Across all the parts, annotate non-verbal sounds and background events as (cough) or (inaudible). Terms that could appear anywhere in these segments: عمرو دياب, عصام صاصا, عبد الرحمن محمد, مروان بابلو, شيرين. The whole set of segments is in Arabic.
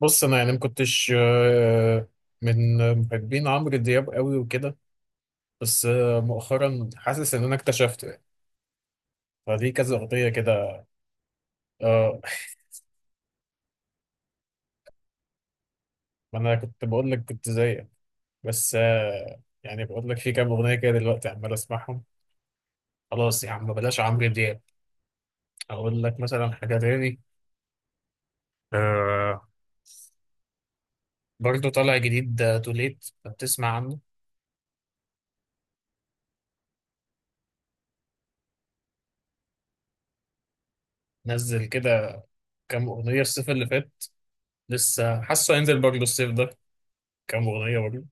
بص، انا يعني ما كنتش من محبين عمرو دياب قوي وكده. بس مؤخرا حاسس ان انا اكتشفته يعني، فدي كذا اغنيه كده. اه، ما انا كنت بقول لك كنت زيك. بس يعني بقول لك في كام اغنيه كده دلوقتي عمال اسمعهم. خلاص يا عم، بلاش عمرو دياب. اقول لك مثلا حاجه تاني. آه، برضه طالع جديد توليت، بتسمع عنه؟ نزل كده كام اغنيه الصيف اللي فات، لسه حاسه هينزل برضه الصيف ده كام اغنيه برضه.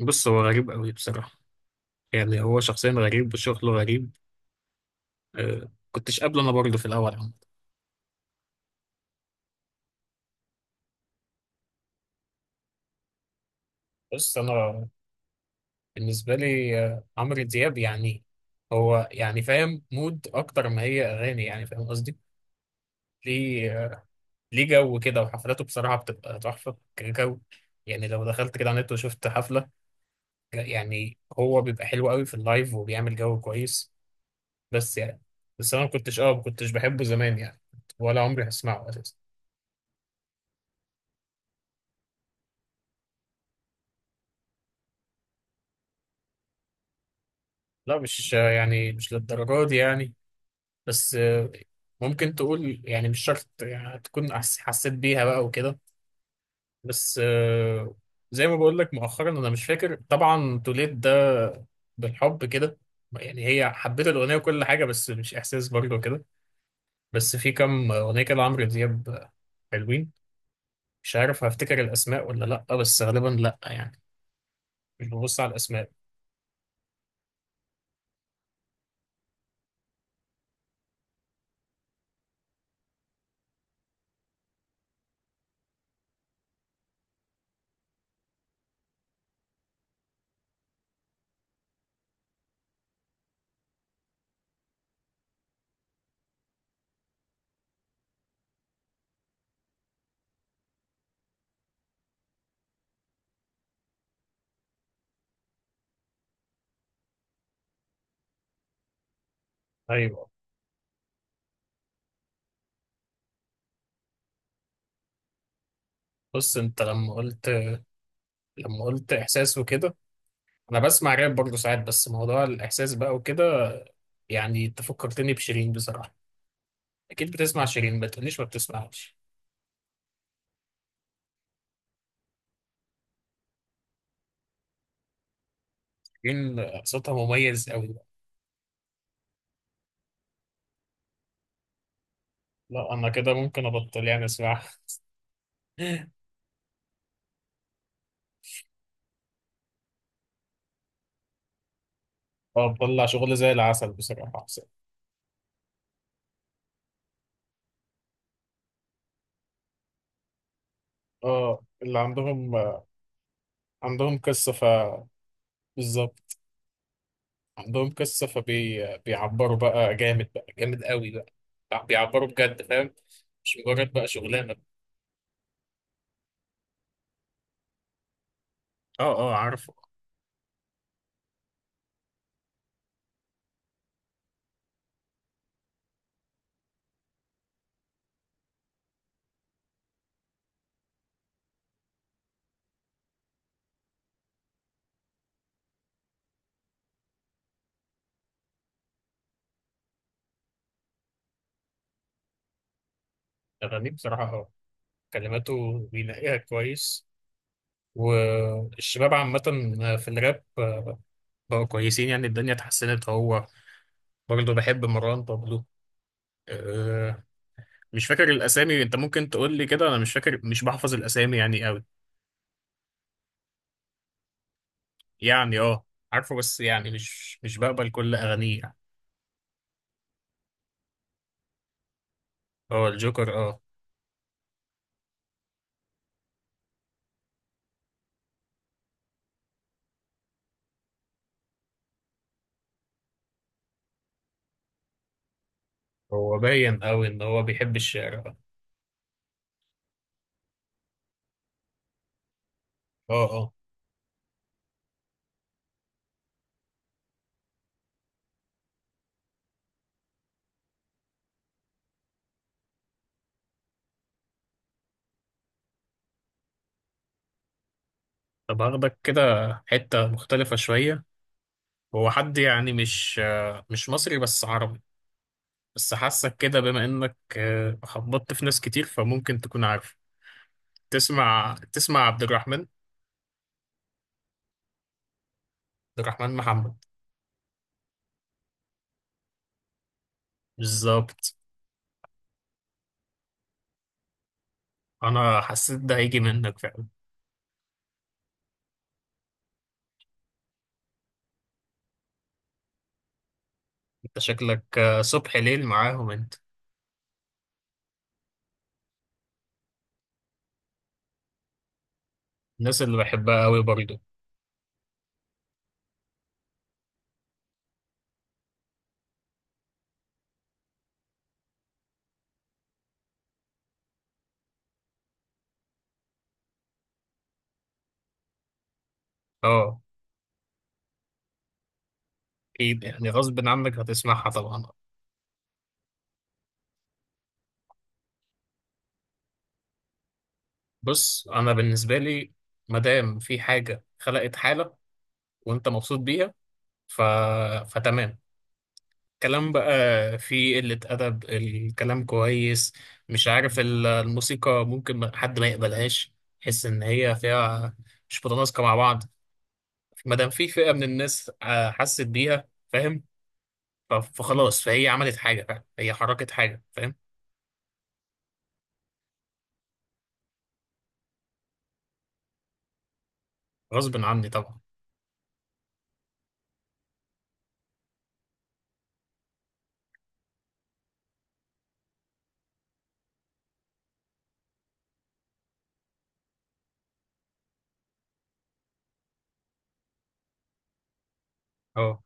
بص، هو غريب قوي بصراحة. يعني هو شخصيا غريب وشغله غريب. كنتش قابله انا برضه في الاول عمد. بص، انا بالنسبه لي عمرو دياب يعني، هو يعني فاهم مود اكتر ما هي اغاني، يعني فاهم قصدي. ليه ليه جو كده، وحفلاته بصراحه بتبقى تحفه كجو. يعني لو دخلت كده على النت وشفت حفله، لا، يعني هو بيبقى حلو قوي في اللايف وبيعمل جو كويس. بس يعني، بس انا ما كنتش بحبه زمان يعني، ولا عمري هسمعه اساسا. لا، مش يعني مش للدرجه دي يعني. بس ممكن تقول يعني مش شرط يعني تكون حسيت بيها بقى وكده. بس زي ما بقول لك مؤخرا، انا مش فاكر طبعا توليد ده بالحب كده. يعني هي حبيت الاغنيه وكل حاجه، بس مش احساس برضه كده. بس في كام اغنيه كده عمرو دياب حلوين، مش عارف هفتكر الاسماء ولا لا، بس غالبا لا يعني، مش ببص على الاسماء. ايوه. بص، انت لما قلت، لما قلت احساس وكده، انا بسمع راب برضه ساعات، بس موضوع الاحساس بقى وكده. يعني انت فكرتني بشيرين بصراحه. اكيد بتسمع شيرين، ما تقوليش ما بتسمعش. شيرين صوتها مميز قوي. لا، انا كده ممكن ابطل يعني اسمعها. (laughs) اه، بتطلع شغل زي العسل بصراحه حسين. اه، اللي عندهم، عندهم قصه، بالظبط. عندهم قصه فبي، بيعبروا بقى جامد، بقى جامد قوي، بقى بيعبروا بجد، فاهم؟ مش مجرد بقى شغلانه. اه اه، عارفه. اغانيه بصراحه، اه، كلماته بينقيها كويس. والشباب عامة في الراب بقوا كويسين، يعني الدنيا اتحسنت. هو برضه بحب مروان بابلو. أه، مش فاكر الأسامي. أنت ممكن تقول لي كده، أنا مش فاكر، مش بحفظ الأسامي يعني أوي. يعني أه، عارفه. بس يعني مش بقبل كل أغانيه يعني. هو الجوكر؟ أه. هو باين أوي إن هو بيحب الشعر، أه. أه أه. طب هاخدك كده حتة مختلفة شوية. هو حد يعني مش مش مصري بس عربي. بس حاسك كده بما انك خبطت في ناس كتير، فممكن تكون عارف. تسمع عبد الرحمن محمد. بالظبط. انا حسيت ده هيجي منك فعلا. انت شكلك صبح ليل معاهم انت. الناس اللي بحبها قوي برضه. اه، اكيد يعني غصب عنك هتسمعها طبعا. بص، انا بالنسبه لي ما دام في حاجه خلقت حاله وانت مبسوط بيها، ف... فتمام. كلام بقى فيه قلة أدب، الكلام كويس. مش عارف، الموسيقى ممكن حد ما يقبلهاش، يحس إن هي فيها مش متناسقة مع بعض. ما دام في فئة من الناس حست بيها، فاهم؟ فخلاص، فهي عملت حاجة، فاهم؟ هي حركت حاجة، فاهم؟ غصب عني طبعا. اه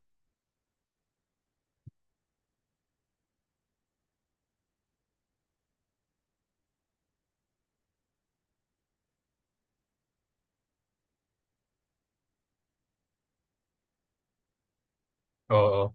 اه اه.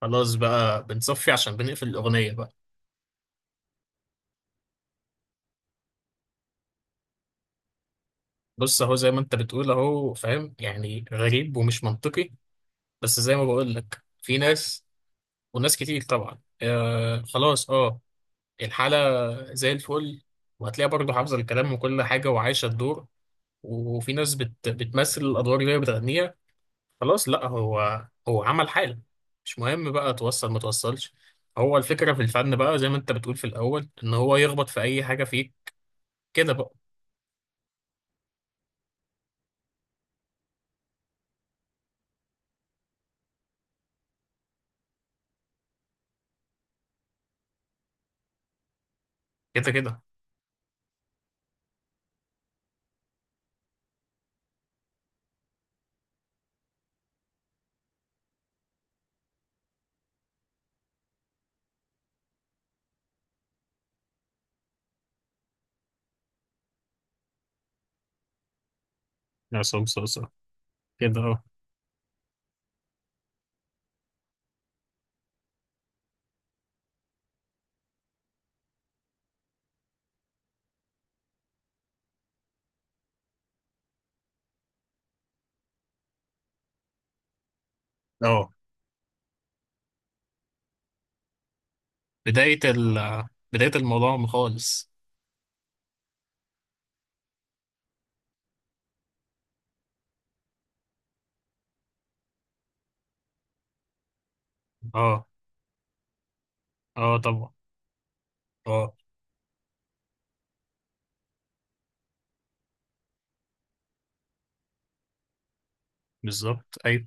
خلاص بقى بنصفي عشان بنقفل الأغنية بقى. بص، أهو زي ما أنت بتقول، أهو فاهم يعني غريب ومش منطقي، بس زي ما بقول لك في ناس وناس كتير طبعا، آه، خلاص، اه. الحالة زي الفل، وهتلاقيها برضه حافظة الكلام وكل حاجة وعايشة الدور. وفي ناس بتمثل الأدوار اللي هي بتغنيها. خلاص، لا هو عمل حالة، مش مهم بقى توصل ما توصلش. هو الفكرة في الفن بقى زي ما أنت بتقول في الأول، إن هو يخبط في أي حاجة فيك كده بقى. كده كده عصام صاصا كده. اه اه. بداية ال بداية الموضوع خالص. اه اه طبعا. اه، بالظبط أيوة.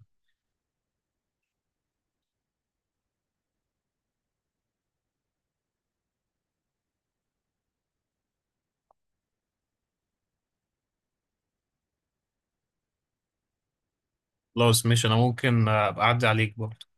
خلاص ماشي. انا ممكن ابقى اعدي عليك برضه.